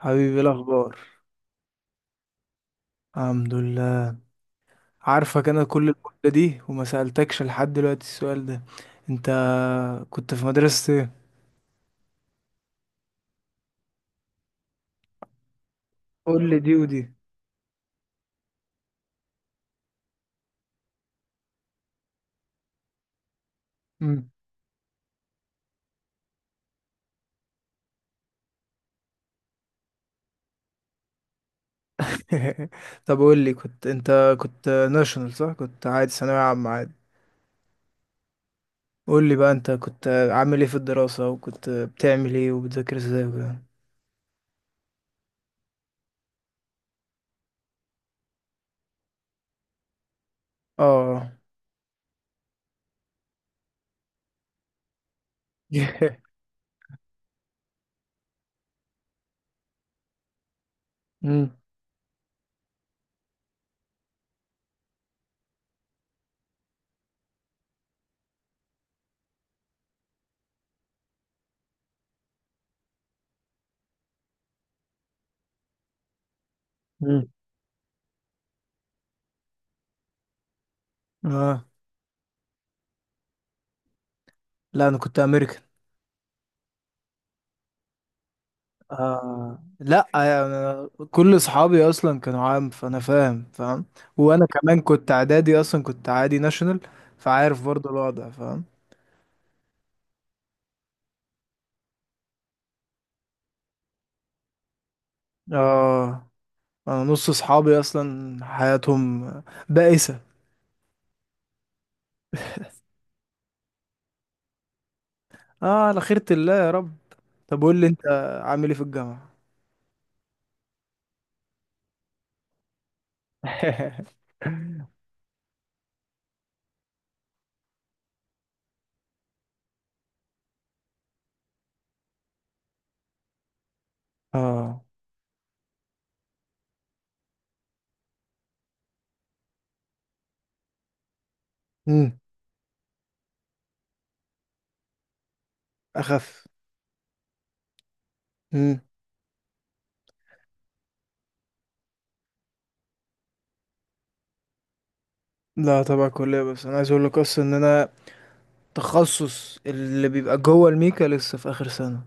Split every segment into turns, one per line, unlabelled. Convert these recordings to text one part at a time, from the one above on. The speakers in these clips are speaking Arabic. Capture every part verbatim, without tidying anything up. حبيبي إيه الاخبار؟ الحمد لله. عارفك، انا كل المدة دي وما سألتكش لحد دلوقتي السؤال ده. انت كنت في مدرسة ايه؟ قول لي دي ودي. مم. طب قول لي، كنت انت كنت ناشونال صح؟ كنت عادي ثانوية عامة عادي؟ قول لي بقى، انت كنت عامل ايه في الدراسة، وكنت بتعمل ايه، وبتذاكر ازاي وكده؟ اه. مم. مم. اه. لا انا كنت امريكا. آه لا، أنا كل اصحابي اصلا كانوا عام، فانا فاهم فاهم. وانا كمان كنت اعدادي اصلا، كنت عادي ناشونال، فعارف برضو الوضع، فاهم. اه، انا نص اصحابي اصلا حياتهم بائسة. اه، على خيرة الله يا رب. طب قول لي انت، عامل ايه في الجامعة؟ اه. امم اخف. امم لا طبعا كلية، بس انا عايز اقول لك اصلا ان انا تخصص اللي بيبقى جوه الميكا لسه في اخر سنة.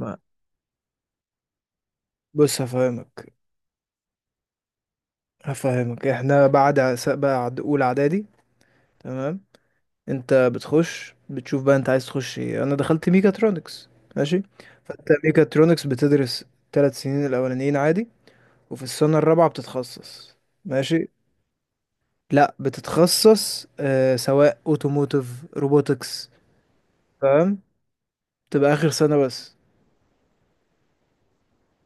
ما- بص هفهمك. هفهمك احنا بعد ع- س- بعد اولى اعدادي، تمام؟ انت بتخش بتشوف بقى انت عايز تخش ايه. انا دخلت ميكاترونكس، ماشي. فانت ميكاترونكس بتدرس ثلاث سنين الاولانيين عادي، وفي السنه الرابعه بتتخصص، ماشي. لا بتتخصص آه سواء اوتوموتيف، روبوتكس، تمام؟ تبقى اخر سنه بس.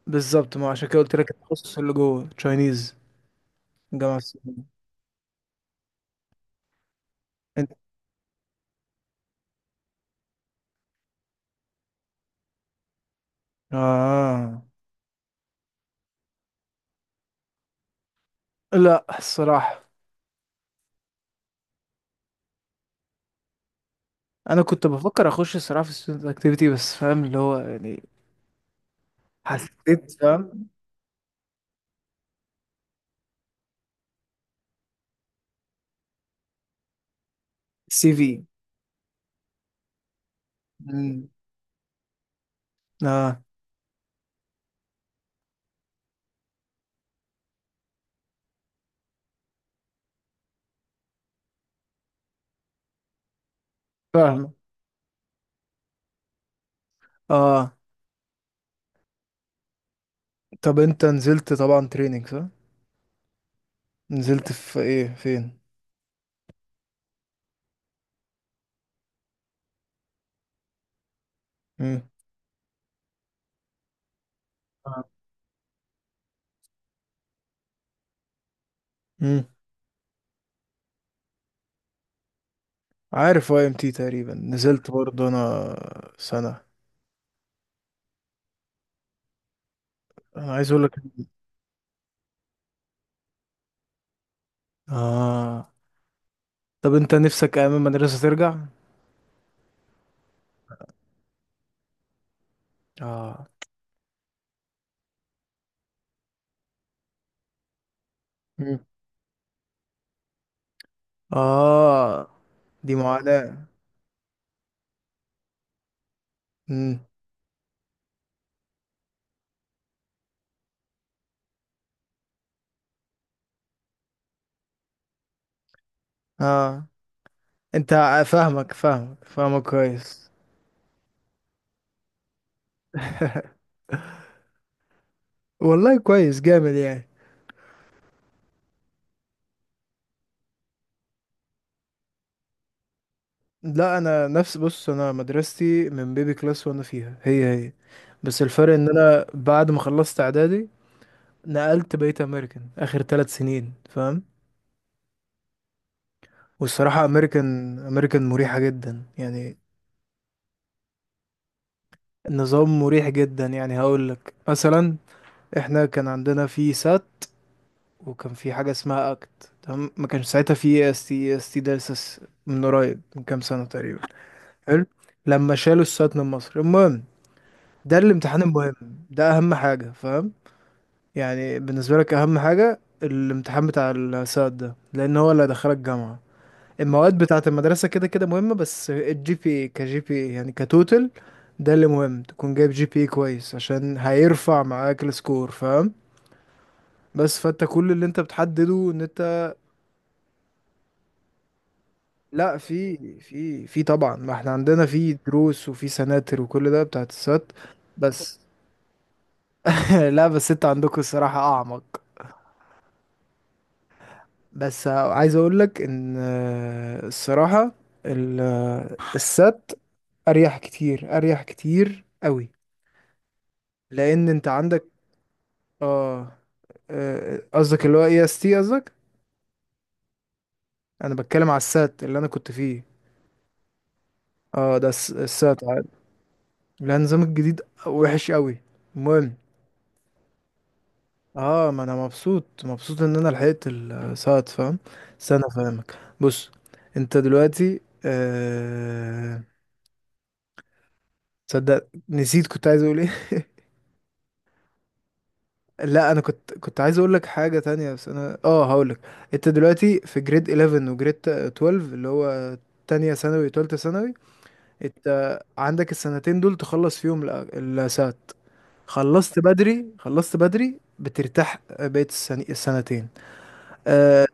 بالظبط، ما عشان كده قلت لك التخصص اللي جوه تشاينيز. جامعه الصينية. انت. اه لا الصراحه، انا كنت بفكر اخش الصراحه في student اكتيفيتي بس، فاهم اللي هو يعني. حسيت، فاهم. سي في. مم. اه، فاهم. اه. طب انت نزلت طبعا تريننج صح؟ نزلت في ايه، فين؟ امم آه. امم عارف واي ام تي، تقريبا نزلت برضه انا سنه. انا عايز اقول لك، اه. طب انت نفسك ايام المدرسه ترجع؟ اه. مم. اه، دي معاناه. امم اه، انت فاهمك فاهمك فاهمك كويس. والله كويس جامد يعني. لا انا نفس، بص انا مدرستي من بيبي كلاس وانا فيها، هي هي. بس الفرق ان انا بعد ما خلصت اعدادي، نقلت بقيت امريكان اخر ثلاث سنين، فاهم. والصراحة امريكان، امريكان مريحة جدا يعني. النظام مريح جدا يعني. هقول لك مثلا، احنا كان عندنا في سات، وكان في حاجة اسمها اكت، تمام؟ ما كانش ساعتها في اس تي، اس تي ده لسه من قريب، من كام سنة تقريبا. حلو. لما شالوا السات من مصر، المهم ده الامتحان المهم. ده اهم حاجة، فاهم. يعني بالنسبة لك اهم حاجة الامتحان بتاع الساد ده، لان هو اللي هيدخلك جامعة. المواد بتاعة المدرسة كده كده مهمة، بس الجي بي اي كجي بي اي يعني، كتوتل. ده اللي مهم، تكون جايب جي بي اي كويس عشان هيرفع معاك السكور، فاهم. بس فانت كل اللي انت بتحدده ان انت. لا، في في في طبعا، ما احنا عندنا في دروس وفي سناتر وكل ده بتاعة السات. بس. لا بس انت عندكم الصراحة اعمق. بس عايز اقول لك ان آه، الصراحة ال- آه، السات اريح كتير، اريح كتير قوي. لان انت عندك. اه. آه، قصدك اللي هو اي اس تي قصدك؟ انا بتكلم على السات اللي انا كنت فيه. اه، ده الس- السات عادي. لا النظام الجديد وحش قوي. المهم. اه، ما انا مبسوط، مبسوط ان انا لحقت السات، فاهم. استنى فاهمك، بص. انت دلوقتي آه... تصدق نسيت كنت عايز اقول ايه. لا انا كنت كنت عايز اقول لك حاجه تانية، بس انا اه هقول لك. انت دلوقتي في جريد حداشر وجريد اتناشر، اللي هو تانية ثانوي وتالتة ثانوي. انت عندك السنتين دول تخلص فيهم ال- السات. خلصت بدري، خلصت بدري بترتاح بقيت السن- السنتين. أه.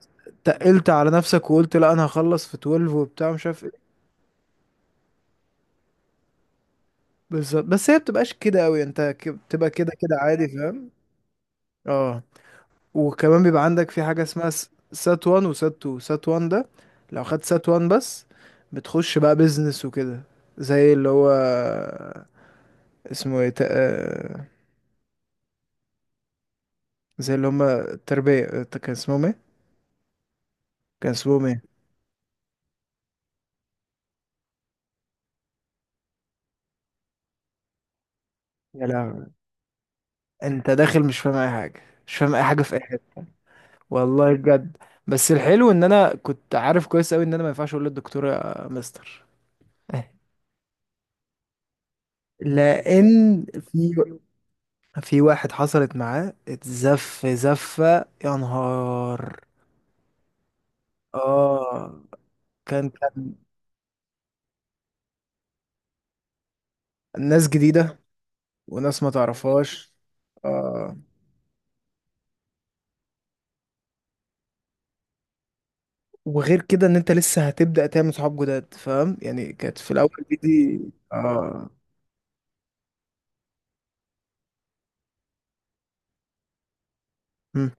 تقلت على نفسك وقلت لا، انا هخلص في اثنا عشر وبتاع مش عارف ايه. بالظبط، بس هي بتبقاش كده قوي. انت ك- بتبقى كده كده عادي، فاهم. اه، وكمان بيبقى عندك في حاجة اسمها س- سات وان وسات تو. سات وان ده، لو خدت سات وان بس، بتخش بقى بيزنس وكده. زي اللي هو اسمه ايه، تا- آه، زي اللي هما التربية، آه، كان اسمهم ايه؟ كان اسمهم ايه؟ يا لهوي، انت داخل مش فاهم اي حاجة، مش فاهم اي حاجة في اي حتة، والله بجد. بس الحلو ان انا كنت عارف كويس اوي ان انا ما ينفعش اقول للدكتور يا مستر. لان في في واحد حصلت معاه اتزف زفة، يا نهار. اه، كان كان ناس جديدة وناس ما تعرفهاش. آه. وغير كده ان انت لسه هتبدأ تعمل صحاب جداد، فاهم يعني. كانت في الاول دي دي. اه. مم.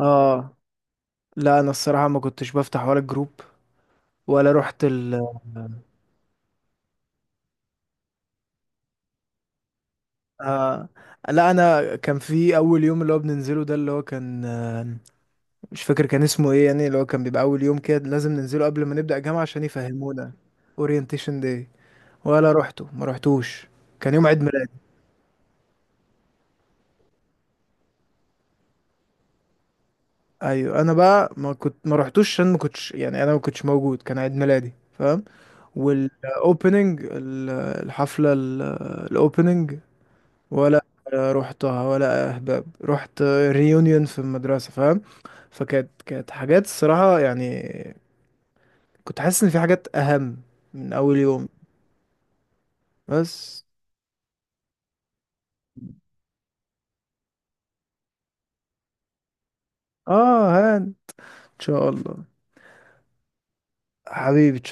اه، لا انا الصراحة ما كنتش بفتح ولا الجروب، ولا رحت ال آه. لا، انا كان في اول يوم اللي هو بننزله ده، اللي هو كان مش فاكر كان اسمه ايه، يعني اللي هو كان بيبقى اول يوم كده لازم ننزله قبل ما نبدأ جامعة عشان يفهمونا. اورينتيشن داي. ولا روحته، ما روحتوش. كان يوم عيد ميلادي. ايوه انا بقى ما كنت ما روحتوش عشان ما كنتش يعني، انا ما كنتش موجود، كان عيد ميلادي فاهم. والاوبننج، الحفلة الاوبننج ولا روحتها، ولا اهباب رحت ريونيون في المدرسة، فاهم. فكانت كانت حاجات الصراحة يعني، كنت حاسس ان في حاجات اهم من اول يوم. بس. اه هان. ان شاء الله. حبيبي.